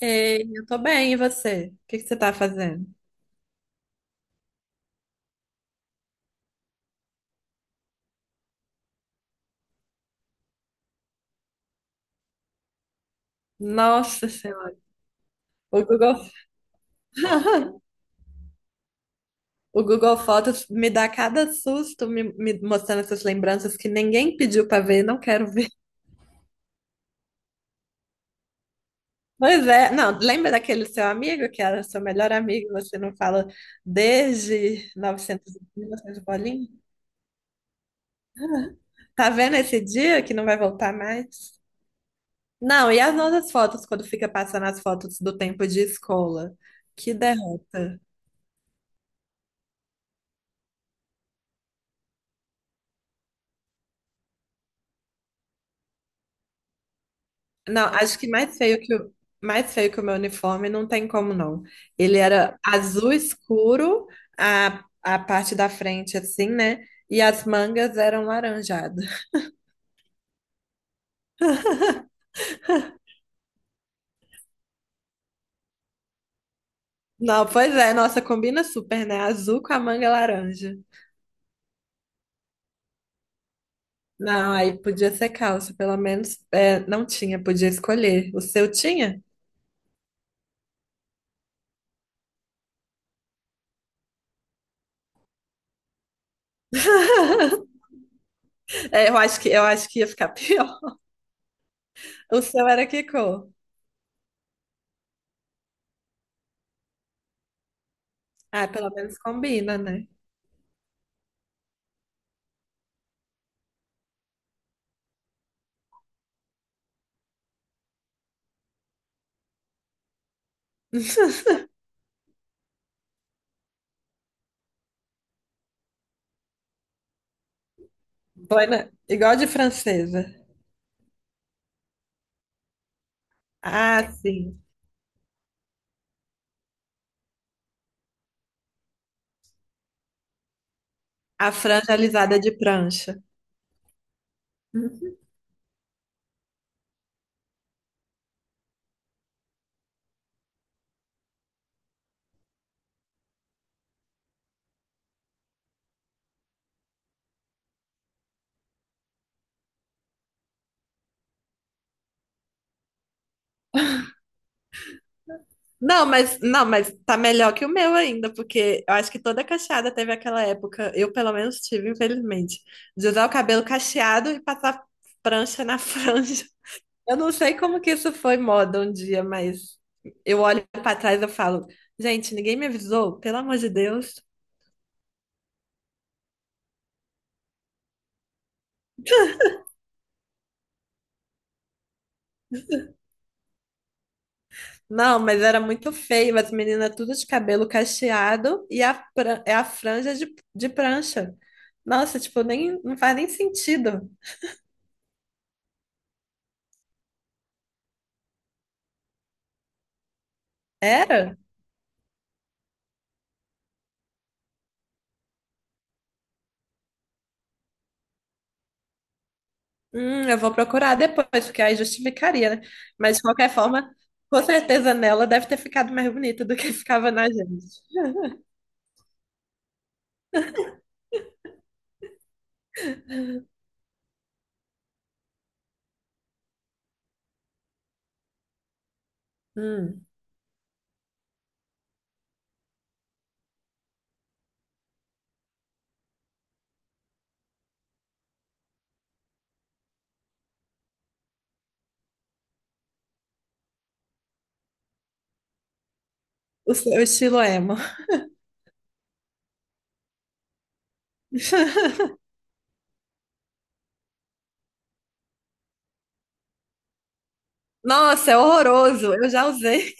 Ei, eu tô bem, e você? O que que você tá fazendo? Nossa Senhora, o Google, o Google Fotos me dá cada susto me mostrando essas lembranças que ninguém pediu pra ver, não quero ver. Pois é, não, lembra daquele seu amigo que era seu melhor amigo, e você não fala desde 900, e 1900 bolinha? Tá vendo esse dia que não vai voltar mais? Não, e as nossas fotos, quando fica passando as fotos do tempo de escola? Que derrota. Não, acho que mais feio que mais feio que o meu uniforme não tem como não. Ele era azul escuro, a parte da frente assim, né? E as mangas eram laranjadas. Não, pois é, nossa, combina super, né? Azul com a manga laranja. Não, aí podia ser calça, pelo menos é, não tinha, podia escolher. O seu tinha? É, eu acho que ia ficar pior. O seu era que cor? Ah, pelo menos combina, né? Boina, igual de francesa. Ah, sim. A franja alisada de prancha. Uhum. Não, mas tá melhor que o meu ainda, porque eu acho que toda cacheada teve aquela época. Eu pelo menos tive, infelizmente, de usar o cabelo cacheado e passar prancha na franja. Eu não sei como que isso foi moda um dia, mas eu olho pra trás e eu falo, gente, ninguém me avisou, pelo amor de Deus. Não, mas era muito feio, as meninas tudo de cabelo cacheado e é a franja de prancha. Nossa, tipo, nem, não faz nem sentido. Era? Eu vou procurar depois, porque aí justificaria, né? Mas de qualquer forma, com certeza nela deve ter ficado mais bonita do que ficava na gente. Hum, o seu estilo é emo. Nossa, é horroroso. Eu já usei.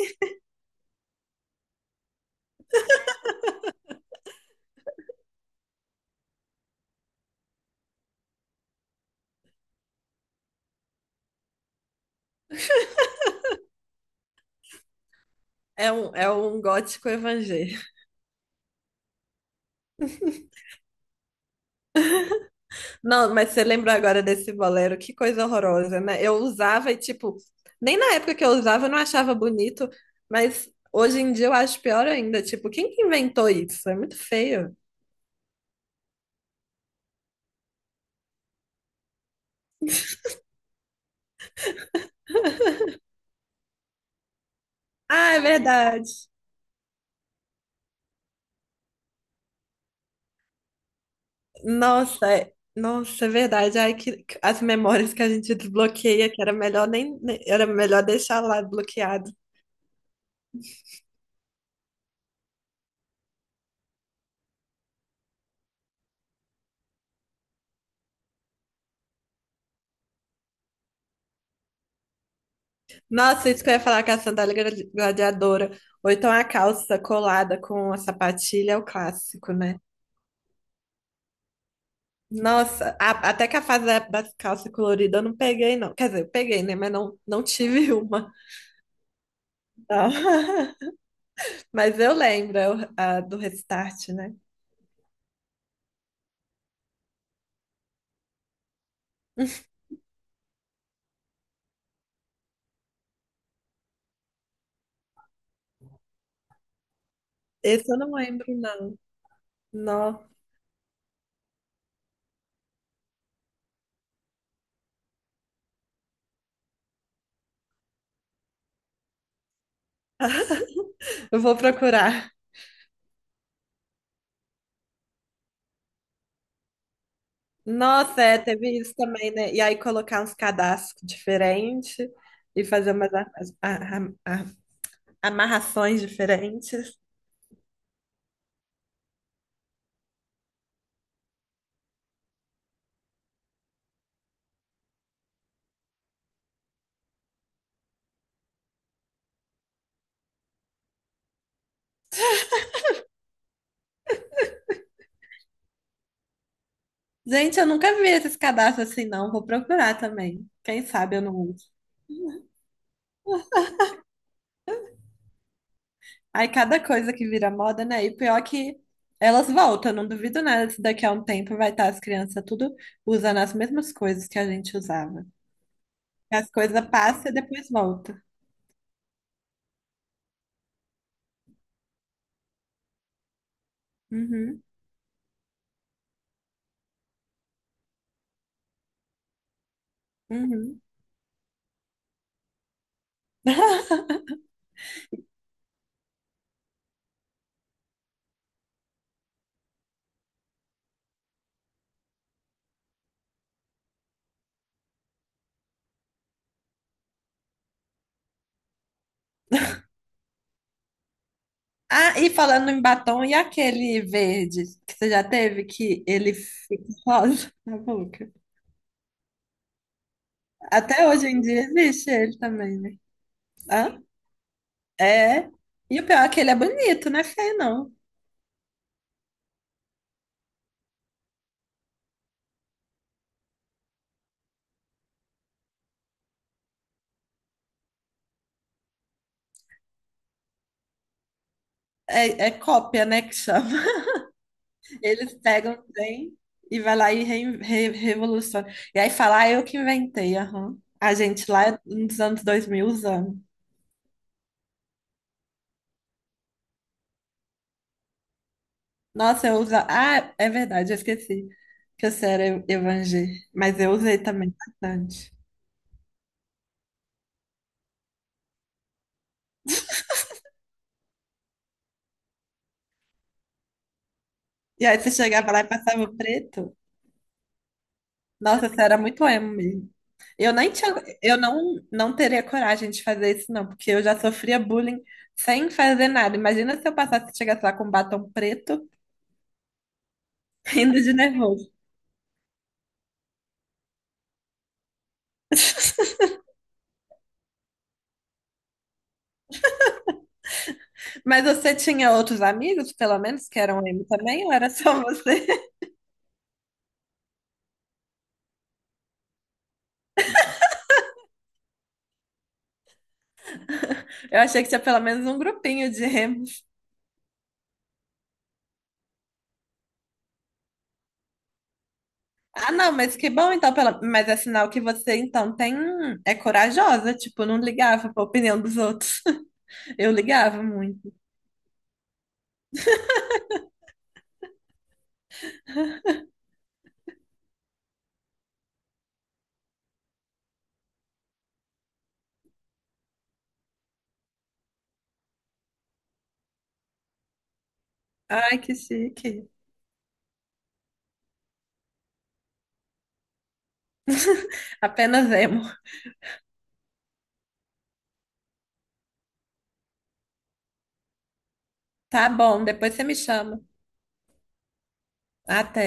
É um gótico evangélico. Não, mas você lembrou agora desse bolero? Que coisa horrorosa, né? Eu usava e, tipo, nem na época que eu usava eu não achava bonito, mas hoje em dia eu acho pior ainda. Tipo, quem que inventou isso? É muito feio. Ah, é verdade. Nossa, é verdade. Ai, As memórias que a gente desbloqueia, que era melhor era melhor deixar lá bloqueado. Nossa, isso que eu ia falar com a sandália gladiadora. Ou então a calça colada com a sapatilha é o clássico, né? Nossa, até que a fase das calças coloridas eu não peguei, não. Quer dizer, eu peguei, né? Mas não tive uma. Tá. Mas eu lembro a do Restart, né? Esse eu não lembro, não. Não. Eu vou procurar. Nossa, é, teve isso também, né? E aí colocar uns cadastros diferentes e fazer umas a- a- a- amarrações diferentes. Gente, eu nunca vi esses cadastros assim, não. Vou procurar também. Quem sabe eu não uso. Aí cada coisa que vira moda, né? E pior é que elas voltam, não duvido nada se daqui a um tempo vai estar as crianças tudo usando as mesmas coisas que a gente usava. As coisas passam e depois volta. Uhum, uhum. Ah, e falando em batom, e aquele verde que você já teve, que ele fica rosa na boca? Até hoje em dia existe ele também, né? Hã? É. E o pior é que ele é bonito, não é feio, não. É cópia, né, que chama. Eles pegam o trem e vai lá e revoluciona. E aí fala, ah, eu que inventei, aham. A gente lá é nos anos 2000 usando. Nossa, eu uso. Ah, é verdade, eu esqueci que eu era evangé. Mas eu usei também bastante. E aí você chegava lá e passava o preto. Nossa, você era muito emo mesmo. Eu nem tinha, eu não teria coragem de fazer isso, não, porque eu já sofria bullying sem fazer nada. Imagina se eu passasse, e chegasse lá com um batom preto, rindo de nervoso. Mas você tinha outros amigos, pelo menos, que eram emo também, ou era só você? Eu achei que tinha pelo menos um grupinho de emos. Ah, não, mas que bom, então, pela... mas é sinal que você, então, tem... é corajosa, tipo, não ligava pra opinião dos outros. Eu ligava muito. Ai, que chique. Apenas emo. Tá bom, depois você me chama. Até.